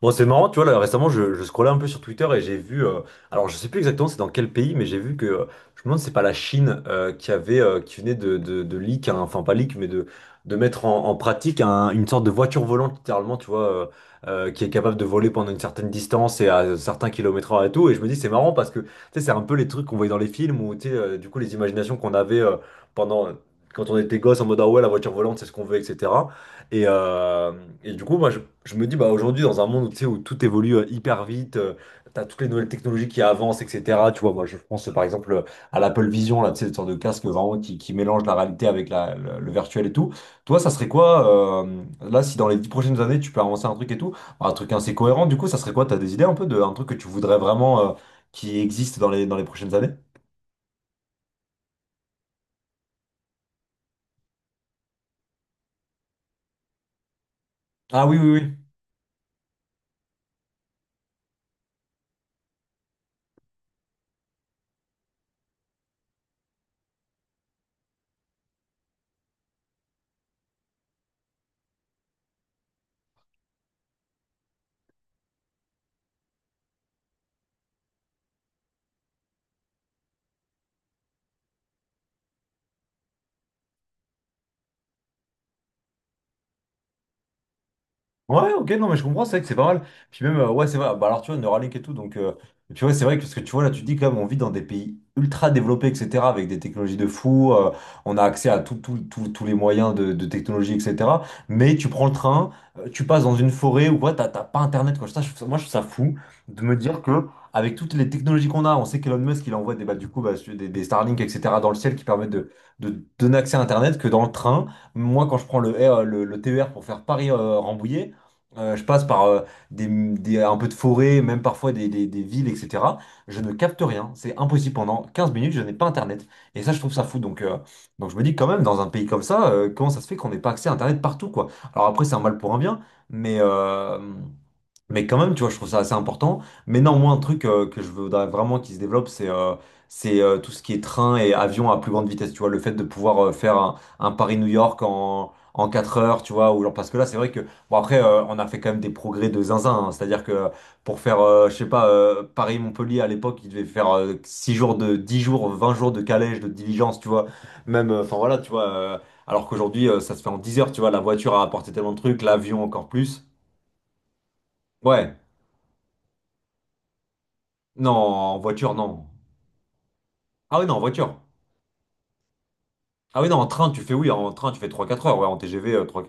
Bon, c'est marrant, tu vois, là, récemment, je scrollais un peu sur Twitter et j'ai vu, alors je sais plus exactement c'est dans quel pays, mais j'ai vu que, je me demande, si c'est pas la Chine qui avait, qui venait de leak, hein, enfin pas leak, mais de mettre en pratique une sorte de voiture volante, littéralement, tu vois, qui est capable de voler pendant une certaine distance et à certains kilomètres heure et tout. Et je me dis, c'est marrant parce que, tu sais, c'est un peu les trucs qu'on voyait dans les films ou, tu sais, du coup, les imaginations qu'on avait pendant, quand on était gosse en mode, ah ouais, la voiture volante, c'est ce qu'on veut, etc. Et, euh, et du coup, moi, je me dis, bah, aujourd'hui, dans un monde où, tu sais, où tout évolue hyper vite, t'as toutes les nouvelles technologies qui avancent, etc. Tu vois, moi, je pense, par exemple, à l'Apple Vision, là, tu sais, une sorte de casque vraiment qui mélange la réalité avec le virtuel et tout. Toi, ça serait quoi, là, si dans les 10 prochaines années, tu peux avancer un truc et tout, un truc assez cohérent, du coup, ça serait quoi? T'as des idées un peu d'un truc que tu voudrais vraiment, qui existe dans les prochaines années? Ah oui, oui, oui. Ouais, ok, non, mais je comprends, c'est vrai que c'est pas mal. Puis même, ouais, c'est vrai. Bah, alors, tu vois, Neuralink et tout, et puis ouais, c'est vrai que, parce que tu vois, là, tu te dis quand même, on vit dans des pays ultra développés, etc., avec des technologies de fou, on a accès à tout, tous les moyens de technologie, etc. Mais tu prends le train, tu passes dans une forêt ou quoi, t'as pas Internet, quoi. Ça, moi, je trouve ça fou de me dire que, avec toutes les technologies qu'on a, on sait qu'Elon Musk, il envoie bah, du coup, bah, sur des Starlink, etc., dans le ciel qui permettent de donner accès à Internet, que dans le train, moi, quand je prends le T E R pour faire Paris-Rambouillet, je passe par un peu de forêt, même parfois des villes, etc. Je ne capte rien, c'est impossible. Pendant 15 minutes, je n'ai pas Internet. Et ça, je trouve ça fou. Donc je me dis quand même, dans un pays comme ça, comment ça se fait qu'on n'ait pas accès à Internet partout, quoi? Alors après, c'est un mal pour un bien, mais, euh, mais quand même, tu vois, je trouve ça assez important. Mais non, moi, un truc que je voudrais vraiment qu'il se développe, c'est tout ce qui est train et avion à plus grande vitesse. Tu vois, le fait de pouvoir faire un Paris-New York en 4 heures, tu vois. Ou genre, parce que là, c'est vrai que, bon, après, on a fait quand même des progrès de zinzin, hein. C'est-à-dire que pour faire, je sais pas, Paris-Montpellier à l'époque, il devait faire 6 jours de 10 jours, 20 jours de calèche, de diligence, tu vois. Même, enfin voilà, tu vois. Alors qu'aujourd'hui, ça se fait en 10 heures, tu vois. La voiture a apporté tellement de trucs, l'avion encore plus. Ouais. Non, en voiture, non. Ah oui, non, en voiture. Ah oui, non, en train, tu fais, oui, en train, tu fais trois quatre heures, ouais, en TGV, 3.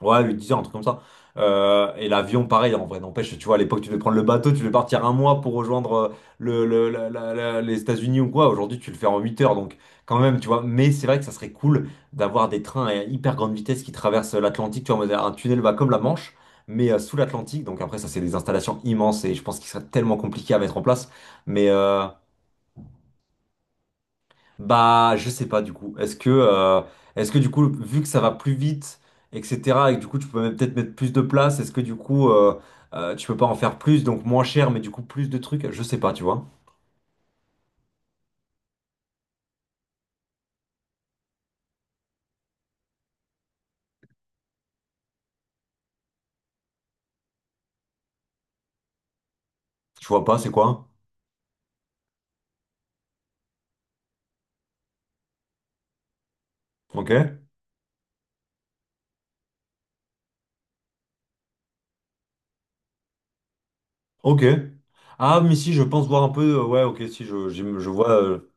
Ouais, 8-10 heures, un truc comme ça. Et l'avion, pareil, en vrai, n'empêche, tu vois, à l'époque, tu devais prendre le bateau, tu devais partir un mois pour rejoindre les États-Unis ou quoi. Aujourd'hui, tu le fais en 8 heures, donc quand même, tu vois. Mais c'est vrai que ça serait cool d'avoir des trains à hyper grande vitesse qui traversent l'Atlantique, tu vois, en mode, un tunnel va comme la Manche, mais sous l'Atlantique. Donc après, ça, c'est des installations immenses et je pense qu'il serait tellement compliqué à mettre en place. Mais. euh, Bah, je sais pas du coup. Est-ce que du coup, vu que ça va plus vite, etc., et que du coup, tu peux même peut-être mettre plus de place, est-ce que du coup, tu peux pas en faire plus, donc moins cher, mais du coup, plus de trucs? Je sais pas, tu vois. Je vois pas, c'est quoi? Ok. Ok. Ah, mais si, je pense voir un peu. Ouais, ok, si, je vois.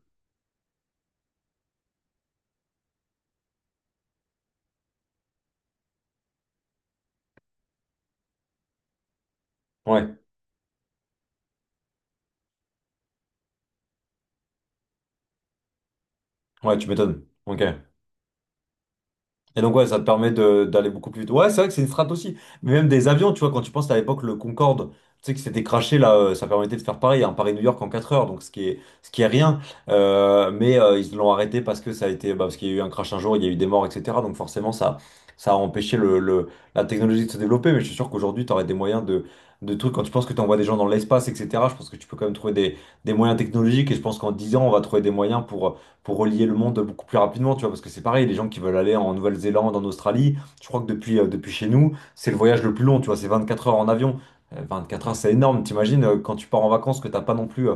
Ouais, ouais, tu m'étonnes. Ok. Et donc, ouais, ça te permet d'aller beaucoup plus vite. Ouais, c'est vrai que c'est une strat aussi. Mais même des avions, tu vois, quand tu penses à l'époque, le Concorde, tu sais, qui s'était crashé, là, ça permettait de faire un Paris-New York en 4 heures, donc ce qui est rien. Mais ils l'ont arrêté parce que ça a été, bah, parce qu'il y a eu un crash un jour, il y a eu des morts, etc. Donc, forcément, ça a empêché la technologie de se développer. Mais je suis sûr qu'aujourd'hui, tu aurais des moyens de trucs. Quand tu penses que tu envoies des gens dans l'espace, etc., je pense que tu peux quand même trouver des moyens technologiques. Et je pense qu'en 10 ans, on va trouver des moyens pour relier le monde beaucoup plus rapidement, tu vois, parce que c'est pareil, les gens qui veulent aller en Nouvelle-Zélande, en Australie, je crois que depuis chez nous, c'est le voyage le plus long, tu vois, c'est 24 heures en avion. 4 heures, c'est énorme, t'imagines, quand tu pars en vacances, que t'as pas non plus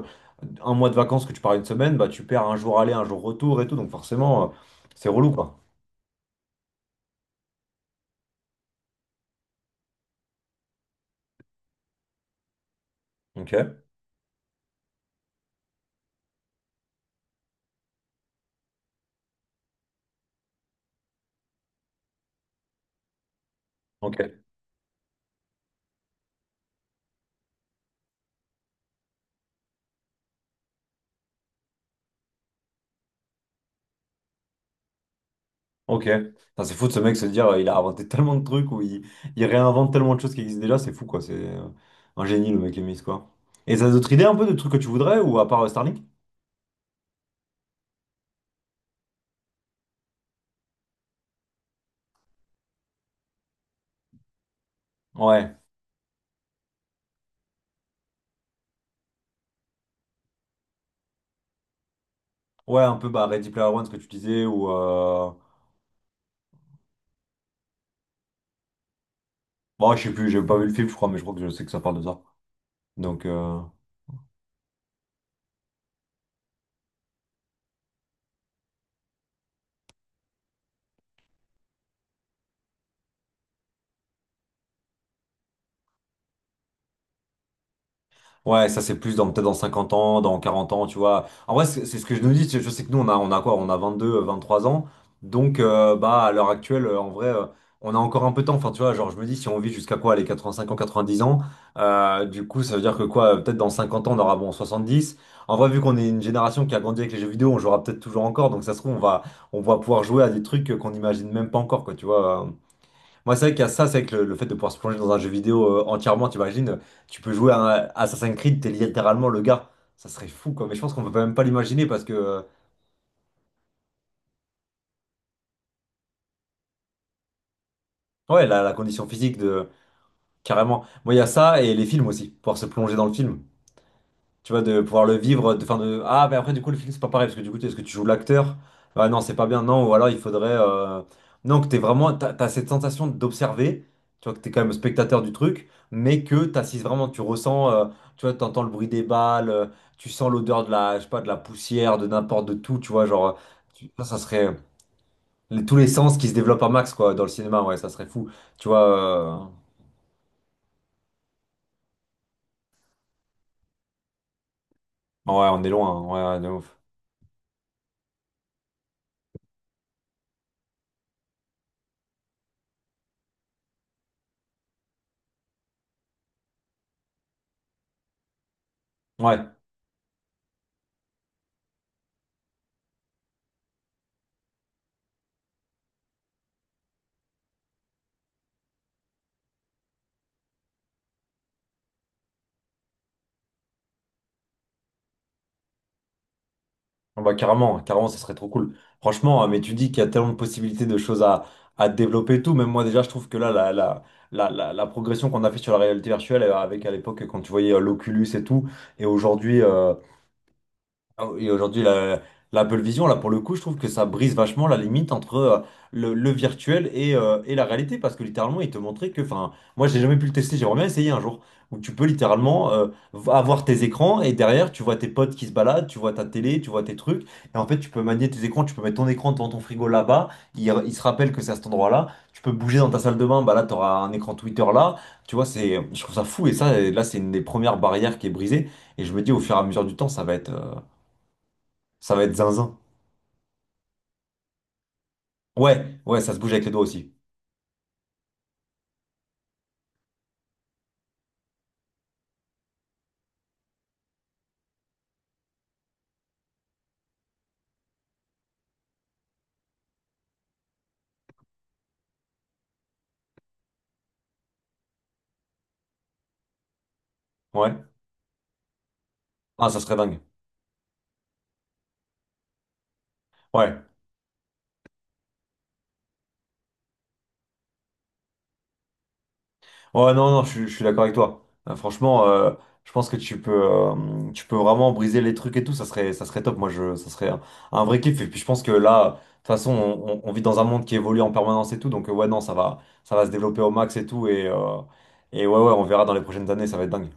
un mois de vacances, que tu pars une semaine, bah tu perds un jour aller, un jour retour et tout, donc forcément, c'est relou, quoi. Ok, ok, ok. Putain, c'est fou de ce mec se dire, il a inventé tellement de trucs, ou il réinvente tellement de choses qui existent déjà, c'est fou, quoi, c'est un génie, le mec Emis, quoi. Et t'as d'autres idées un peu de trucs que tu voudrais, ou à part Starlink? Ouais. Ouais, un peu bah, Ready Player One, ce que tu disais, ou. Bon, je sais plus, j'ai pas vu le film, je crois, mais je crois que je sais que ça parle de ça. Donc. Ouais, ça c'est plus dans peut-être dans 50 ans, dans 40 ans, tu vois. En vrai, c'est ce que je nous dis, je sais que nous on a quoi? On a 22, 3 ans. Donc, bah à l'heure actuelle en vrai on a encore un peu de temps. Enfin, tu vois, genre je me dis si on vit jusqu'à quoi les 85 ans, 90 ans, du coup, ça veut dire que quoi peut-être dans 50 ans on aura bon dix. En vrai, vu qu'on est une génération qui a grandi avec les jeux vidéo, on jouera peut-être toujours encore. Donc ça se trouve on va pouvoir jouer à des trucs qu'on n'imagine même pas encore quoi, tu vois. Moi, c'est vrai qu'il y a ça, c'est vrai que le fait de pouvoir se plonger dans un jeu vidéo entièrement, t'imagines, tu peux jouer à un Assassin's Creed, t'es littéralement le gars. Ça serait fou, quoi. Mais je pense qu'on peut même pas l'imaginer parce que, ouais, la condition physique de. Carrément. Moi, il y a ça et les films aussi. Pouvoir se plonger dans le film. Tu vois, de pouvoir le vivre, enfin de. Ah, mais après, du coup, le film, c'est pas pareil, parce que du coup, est-ce que tu joues l'acteur? Bah non, c'est pas bien, non, ou alors il faudrait. Non, que t'es vraiment. T'as cette sensation d'observer, tu vois, que t'es quand même spectateur du truc, mais que t'assises vraiment, tu ressens, tu vois, t'entends le bruit des balles, tu sens l'odeur de la, je sais pas, de la poussière, de n'importe de tout, tu vois, genre. Ça serait. Tous les sens qui se développent à max, quoi, dans le cinéma, ouais, ça serait fou. Tu vois... euh, Ouais, on est loin, ouais, ouais, de ouf. Ouais. Ah, bah, carrément, carrément, ça serait trop cool. Franchement, mais tu dis qu'il y a tellement de possibilités de choses à développer et tout. Même moi, déjà, je trouve que là, la progression qu'on a fait sur la réalité virtuelle, avec à l'époque, quand tu voyais l'Oculus et tout, et aujourd'hui, ah oui, et aujourd'hui, l'Apple Vision, là, pour le coup, je trouve que ça brise vachement la limite entre le virtuel et la réalité, parce que littéralement, il te montrait que, enfin, moi, j'ai jamais pu le tester, j'aimerais bien essayer un jour, où tu peux littéralement avoir tes écrans et derrière, tu vois tes potes qui se baladent, tu vois ta télé, tu vois tes trucs, et en fait, tu peux manier tes écrans, tu peux mettre ton écran devant ton frigo là-bas, il se rappelle que c'est à cet endroit-là, tu peux bouger dans ta salle de bain, bah là, tu auras un écran Twitter là, tu vois, c'est, je trouve ça fou, et ça, là, c'est une des premières barrières qui est brisée, et je me dis, au fur et à mesure du temps, ça va être zinzin. Ouais, ouais, ça se bouge avec les doigts aussi. Ouais. Ah, ça serait dingue. Ouais. Ouais, non, non, je suis d'accord avec toi. Franchement, je pense que tu peux vraiment briser les trucs et tout. Ça serait top. Moi, ça serait un vrai kiff. Et puis, je pense que là, de toute façon, on vit dans un monde qui évolue en permanence et tout. Donc, ouais, non, ça va se développer au max et tout. Et ouais, ouais, on verra dans les prochaines années. Ça va être dingue.